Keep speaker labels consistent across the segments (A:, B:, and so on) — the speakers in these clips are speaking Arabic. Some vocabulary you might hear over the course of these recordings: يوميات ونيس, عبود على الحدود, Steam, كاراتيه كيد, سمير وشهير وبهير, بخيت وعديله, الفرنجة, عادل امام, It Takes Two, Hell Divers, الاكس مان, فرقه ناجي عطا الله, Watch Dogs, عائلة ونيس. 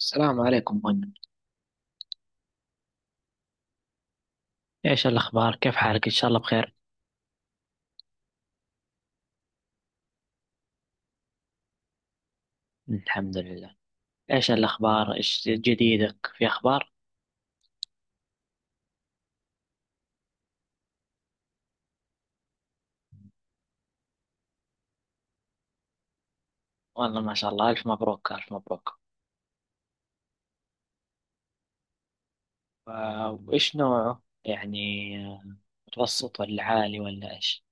A: السلام عليكم منى. ايش الاخبار؟ كيف حالك؟ ان شاء الله بخير. الحمد لله. ايش الاخبار؟ ايش جديدك في اخبار؟ والله ما شاء الله، الف مبروك الف مبروك. وايش نوعه يعني؟ آه، متوسط ولا عالي ولا ايش؟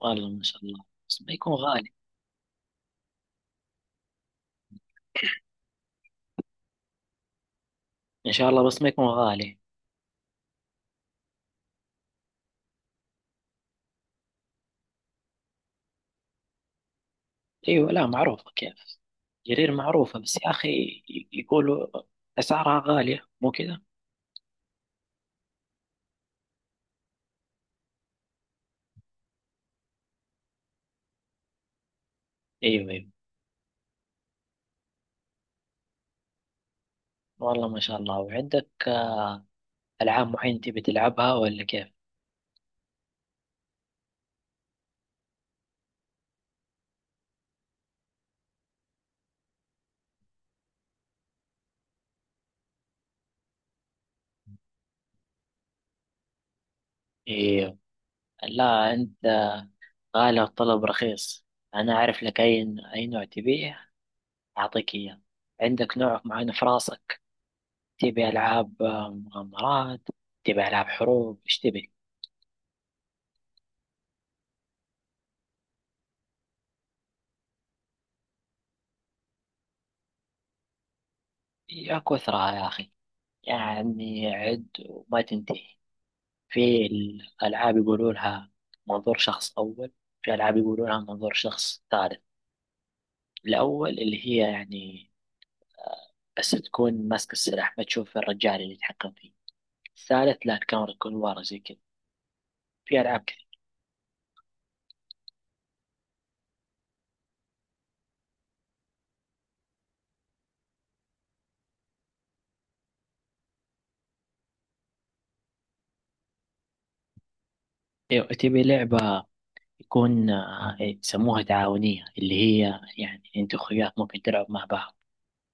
A: والله ما شاء الله، بس ما يكون غالي. ان شاء الله، بس ما يكون غالي. ايوه، لا معروفة كيف. جرير معروفة بس يا اخي، يقولوا اسعارها غالية، مو كذا؟ ايوه ايوه، والله ما شاء الله. وعندك العاب معينة تبي تلعبها ولا كيف؟ ايوه. لا، أنت غالي الطلب رخيص، أنا أعرف لك أي نوع تبيه أعطيك إياه. عندك نوع معين في راسك؟ تبي ألعاب مغامرات؟ تبي ألعاب حروب؟ إيش تبي؟ يا كثرة يا أخي، يعني عد وما تنتهي. في الألعاب يقولوا لها منظور شخص أول، في ألعاب يقولوا لها منظور شخص ثالث. الأول اللي هي يعني آه، بس تكون ماسك السلاح، ما تشوف الرجال اللي يتحكم فيه. الثالث لا، الكاميرا تكون ورا زي كذا. في ألعاب كتير. أيوة، تبي لعبة يكون إيه، يسموها تعاونية، اللي هي يعني أنت وأخوياك ممكن تلعب مع بعض.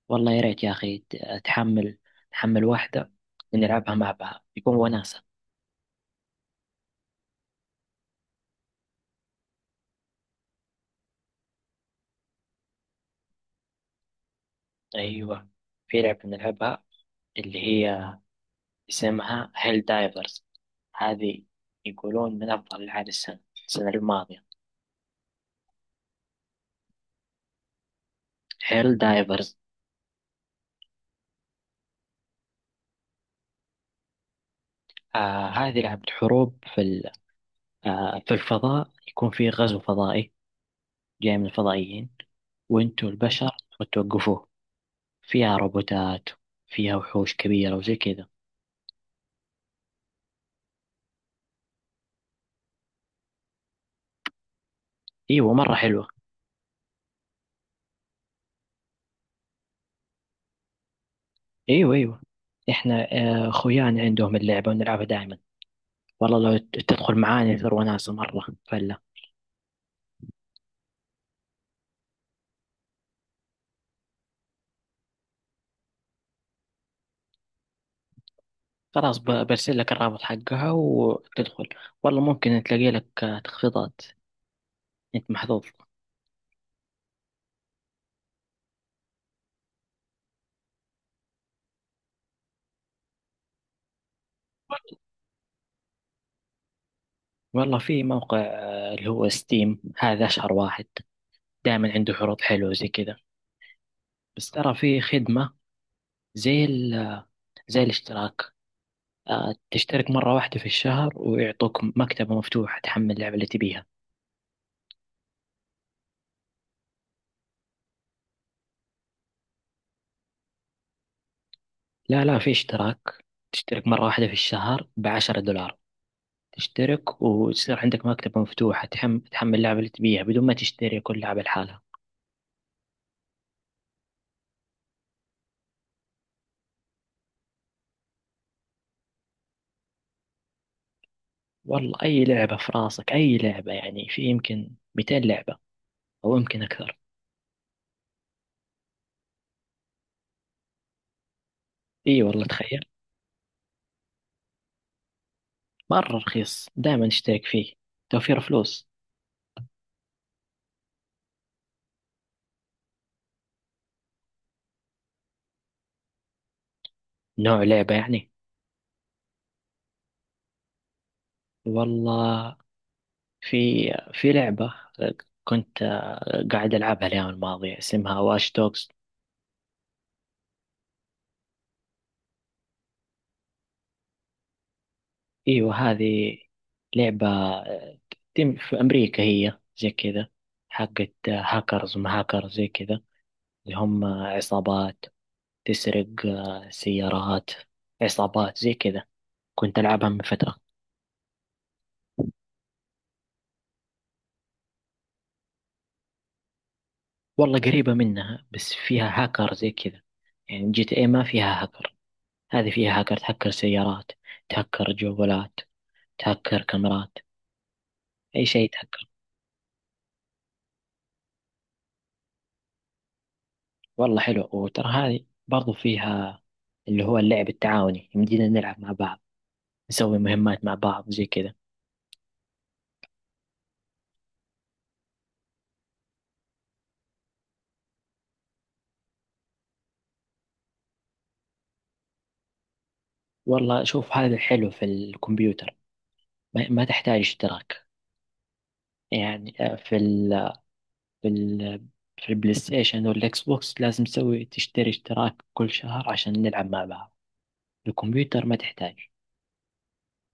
A: والله يا ريت يا أخي تحمل، تحمل واحدة نلعبها مع بعض يكون وناسة. أيوة، في لعبة نلعبها اللي هي اسمها هيل دايفرز، هذه يقولون من أفضل ألعاب السنة، السنة الماضية. هيل دايفرز. آه، هذه لعبة حروب في آه، في الفضاء، يكون في غزو فضائي جاي من الفضائيين وانتوا البشر وتوقفوه. فيها روبوتات، فيها وحوش كبيرة وزي كذا. ايوه مرة حلوة. ايوه ايوه، احنا خويان عندهم اللعبة ونلعبها دائما. والله لو تدخل معانا يصير وناسة مرة فلا. خلاص، برسل لك الرابط حقها وتدخل، والله ممكن تلاقي لك تخفيضات، انت محظوظ. والله في موقع اللي هو ستيم، هذا اشهر واحد، دائما عنده عروض حلوة زي كذا. بس ترى في خدمة زي زي الاشتراك، تشترك مرة واحدة في الشهر ويعطوك مكتبة مفتوحة تحمل اللعبة اللي تبيها. لا لا، في اشتراك، تشترك مرة واحدة في الشهر ب10 دولار، تشترك وتصير عندك مكتبة مفتوحة تحمل اللعبة اللي تبيها بدون ما تشتري كل لعبة لحالها. والله أي لعبة في راسك، أي لعبة، يعني في يمكن 200 لعبة أو يمكن أكثر. إي والله تخيل، مرة رخيص، دائما اشترك فيه، توفير فلوس. نوع لعبة يعني؟ والله في في لعبة كنت قاعد ألعبها الأيام الماضية اسمها واش دوجز. أيوة، هذه لعبة تم في أمريكا، هي زي كذا حقت هاكرز، ما هاكرز زي كذا، اللي هم عصابات تسرق سيارات، عصابات زي كذا. كنت ألعبها من فترة. والله قريبة منها بس فيها هاكر زي كذا، يعني GTA ما فيها هاكر، هذه فيها هاكر تهكر سيارات، تهكر جوالات، تهكر كاميرات، أي شيء يتهكر. والله حلو، وترى هذه برضو فيها اللي هو اللعب التعاوني، يمدينا نلعب مع بعض، نسوي مهمات مع بعض زي كذا. والله شوف هذا الحلو في الكمبيوتر، ما تحتاج اشتراك، يعني في ال في البلاي ستيشن والإكس بوكس لازم تسوي تشتري اشتراك كل شهر عشان نلعب مع بعض. الكمبيوتر ما تحتاج،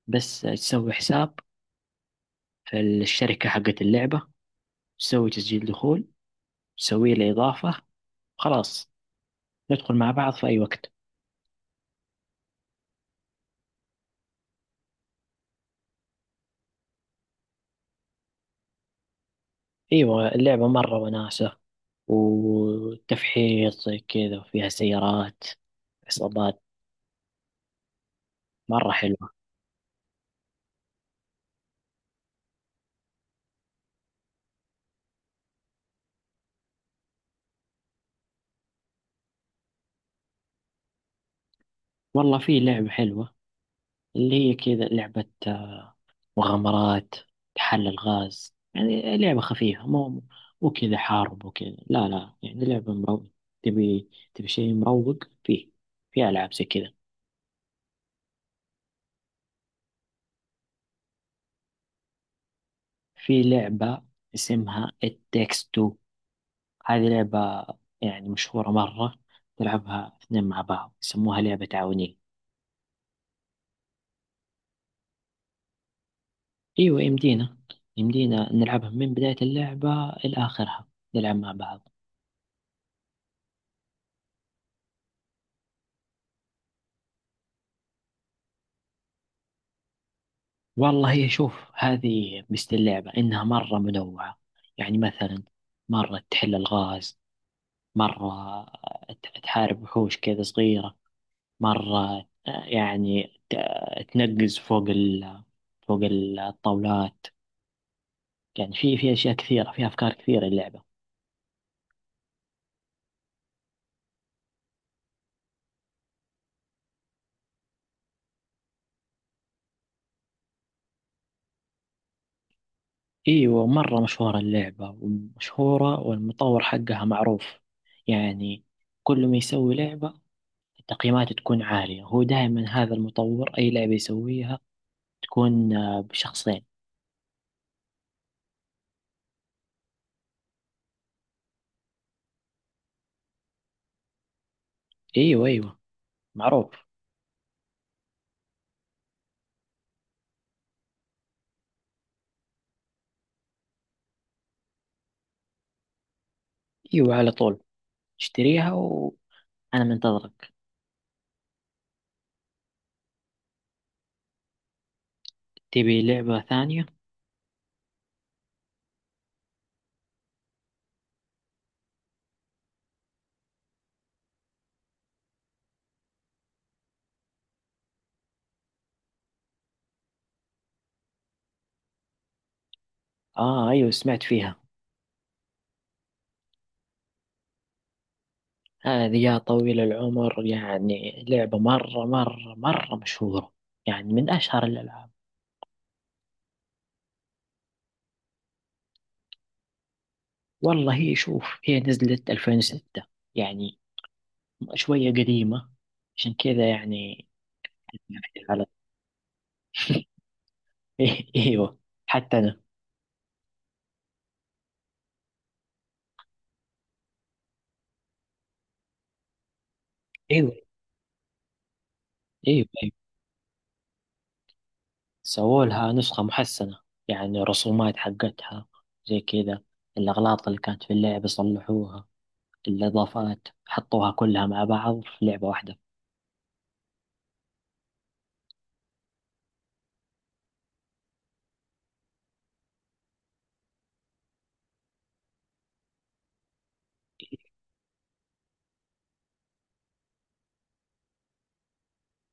A: بس تسوي حساب في الشركة حقت اللعبة، تسوي تسجيل دخول، تسوي له إضافة، خلاص ندخل مع بعض في أي وقت. ايوه، اللعبة مرة وناسة، وتفحيط زي كذا، وفيها سيارات، عصابات، مرة حلوة. والله في لعبة حلوة اللي هي كذا لعبة مغامرات، تحل الغاز، يعني لعبة خفيفة، مو كذا حارب وكذا، لا لا، يعني لعبة مروق، تبي شيء مروق فيه، في ألعاب زي كذا. في لعبة اسمها It Takes Two، هذه لعبة يعني مشهورة مرة، تلعبها اثنين مع بعض، يسموها لعبة تعاونية. أيوة يمدينا نلعبها من بداية اللعبة إلى آخرها، نلعب مع بعض. والله هي شوف، هذه مثل اللعبة إنها مرة منوعة، يعني مثلا مرة تحل الغاز، مرة تحارب وحوش كذا صغيرة، مرة يعني تنقز فوق فوق الطاولات، يعني في أشياء كثيرة، في أفكار كثيرة اللعبة. ايوه، مرة مشهورة اللعبة ومشهورة، والمطور حقها معروف، يعني كل ما يسوي لعبة التقييمات تكون عالية. هو دائما هذا المطور اي لعبة يسويها تكون بشخصين. ايوه ايوه، معروف. ايوه، على طول، اشتريها وانا منتظرك. تبي لعبة ثانية؟ اه، ايوه سمعت فيها. هذه يا طويل العمر يعني لعبة مرة مرة مرة مشهورة، يعني من اشهر الالعاب. والله هي شوف، هي نزلت 2006، يعني شوية قديمة، عشان كذا يعني. على ايوه، حتى انا. ايوه ايوه ايوه. سووا لها نسخة محسنة، يعني الرسومات حقتها زي كذا، الأغلاط اللي كانت في اللعبة صلحوها، الإضافات حطوها كلها مع بعض في لعبة واحدة.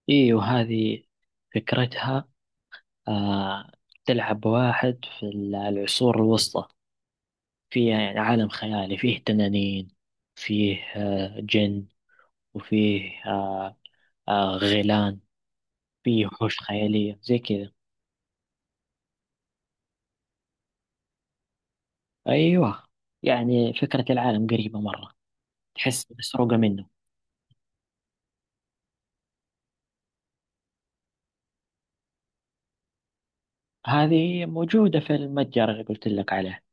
A: ايوه، هذه فكرتها آه، تلعب واحد في العصور الوسطى، فيه يعني عالم خيالي، فيه تنانين، فيه جن، وفيه غيلان، فيه وحوش خيالية زي كذا. أيوة، يعني فكرة العالم قريبة مرة، تحس مسروقة منه. هذه موجودة في المتجر اللي قلت لك عليه.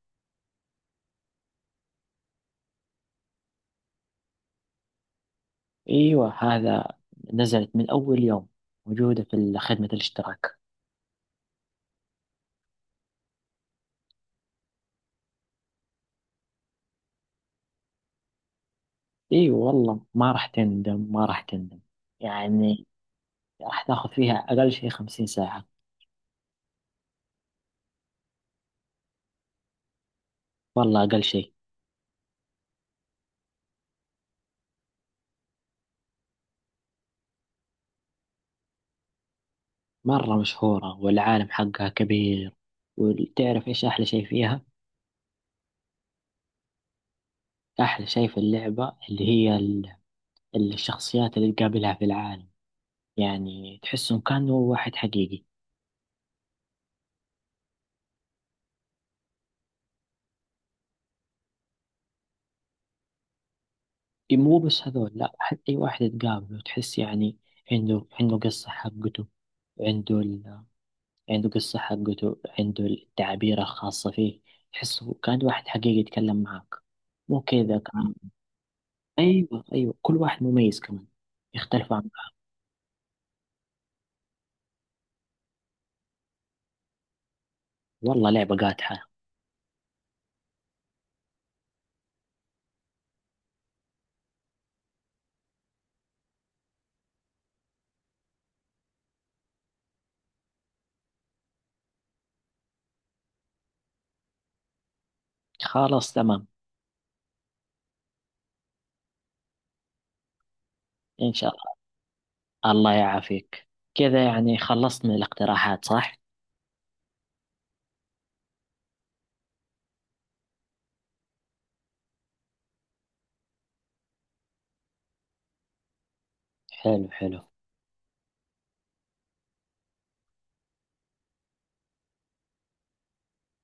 A: أيوة، هذا نزلت من أول يوم، موجودة في خدمة الاشتراك. أيوة والله ما راح تندم، ما راح تندم، يعني راح تاخذ فيها أقل شيء 50 ساعة. والله أقل شيء. مرة مشهورة والعالم حقها كبير. وتعرف إيش أحلى شيء فيها؟ أحلى شيء في اللعبة اللي هي الشخصيات اللي تقابلها في العالم، يعني تحسهم كانوا واحد حقيقي. مو بس هذول، لا، حتى أي واحد تقابله تحس يعني عنده قصة حقته، عنده ال... عنده قصة حقته، عنده التعابير الخاصة فيه، تحسه كان واحد حقيقي يتكلم معك، مو كذا كان. أيوه أيوه، كل واحد مميز كمان، يختلف عن. والله لعبة قاتحة. خلاص تمام. إن شاء الله. الله يعافيك. كذا يعني خلصنا الاقتراحات، صح؟ حلو حلو.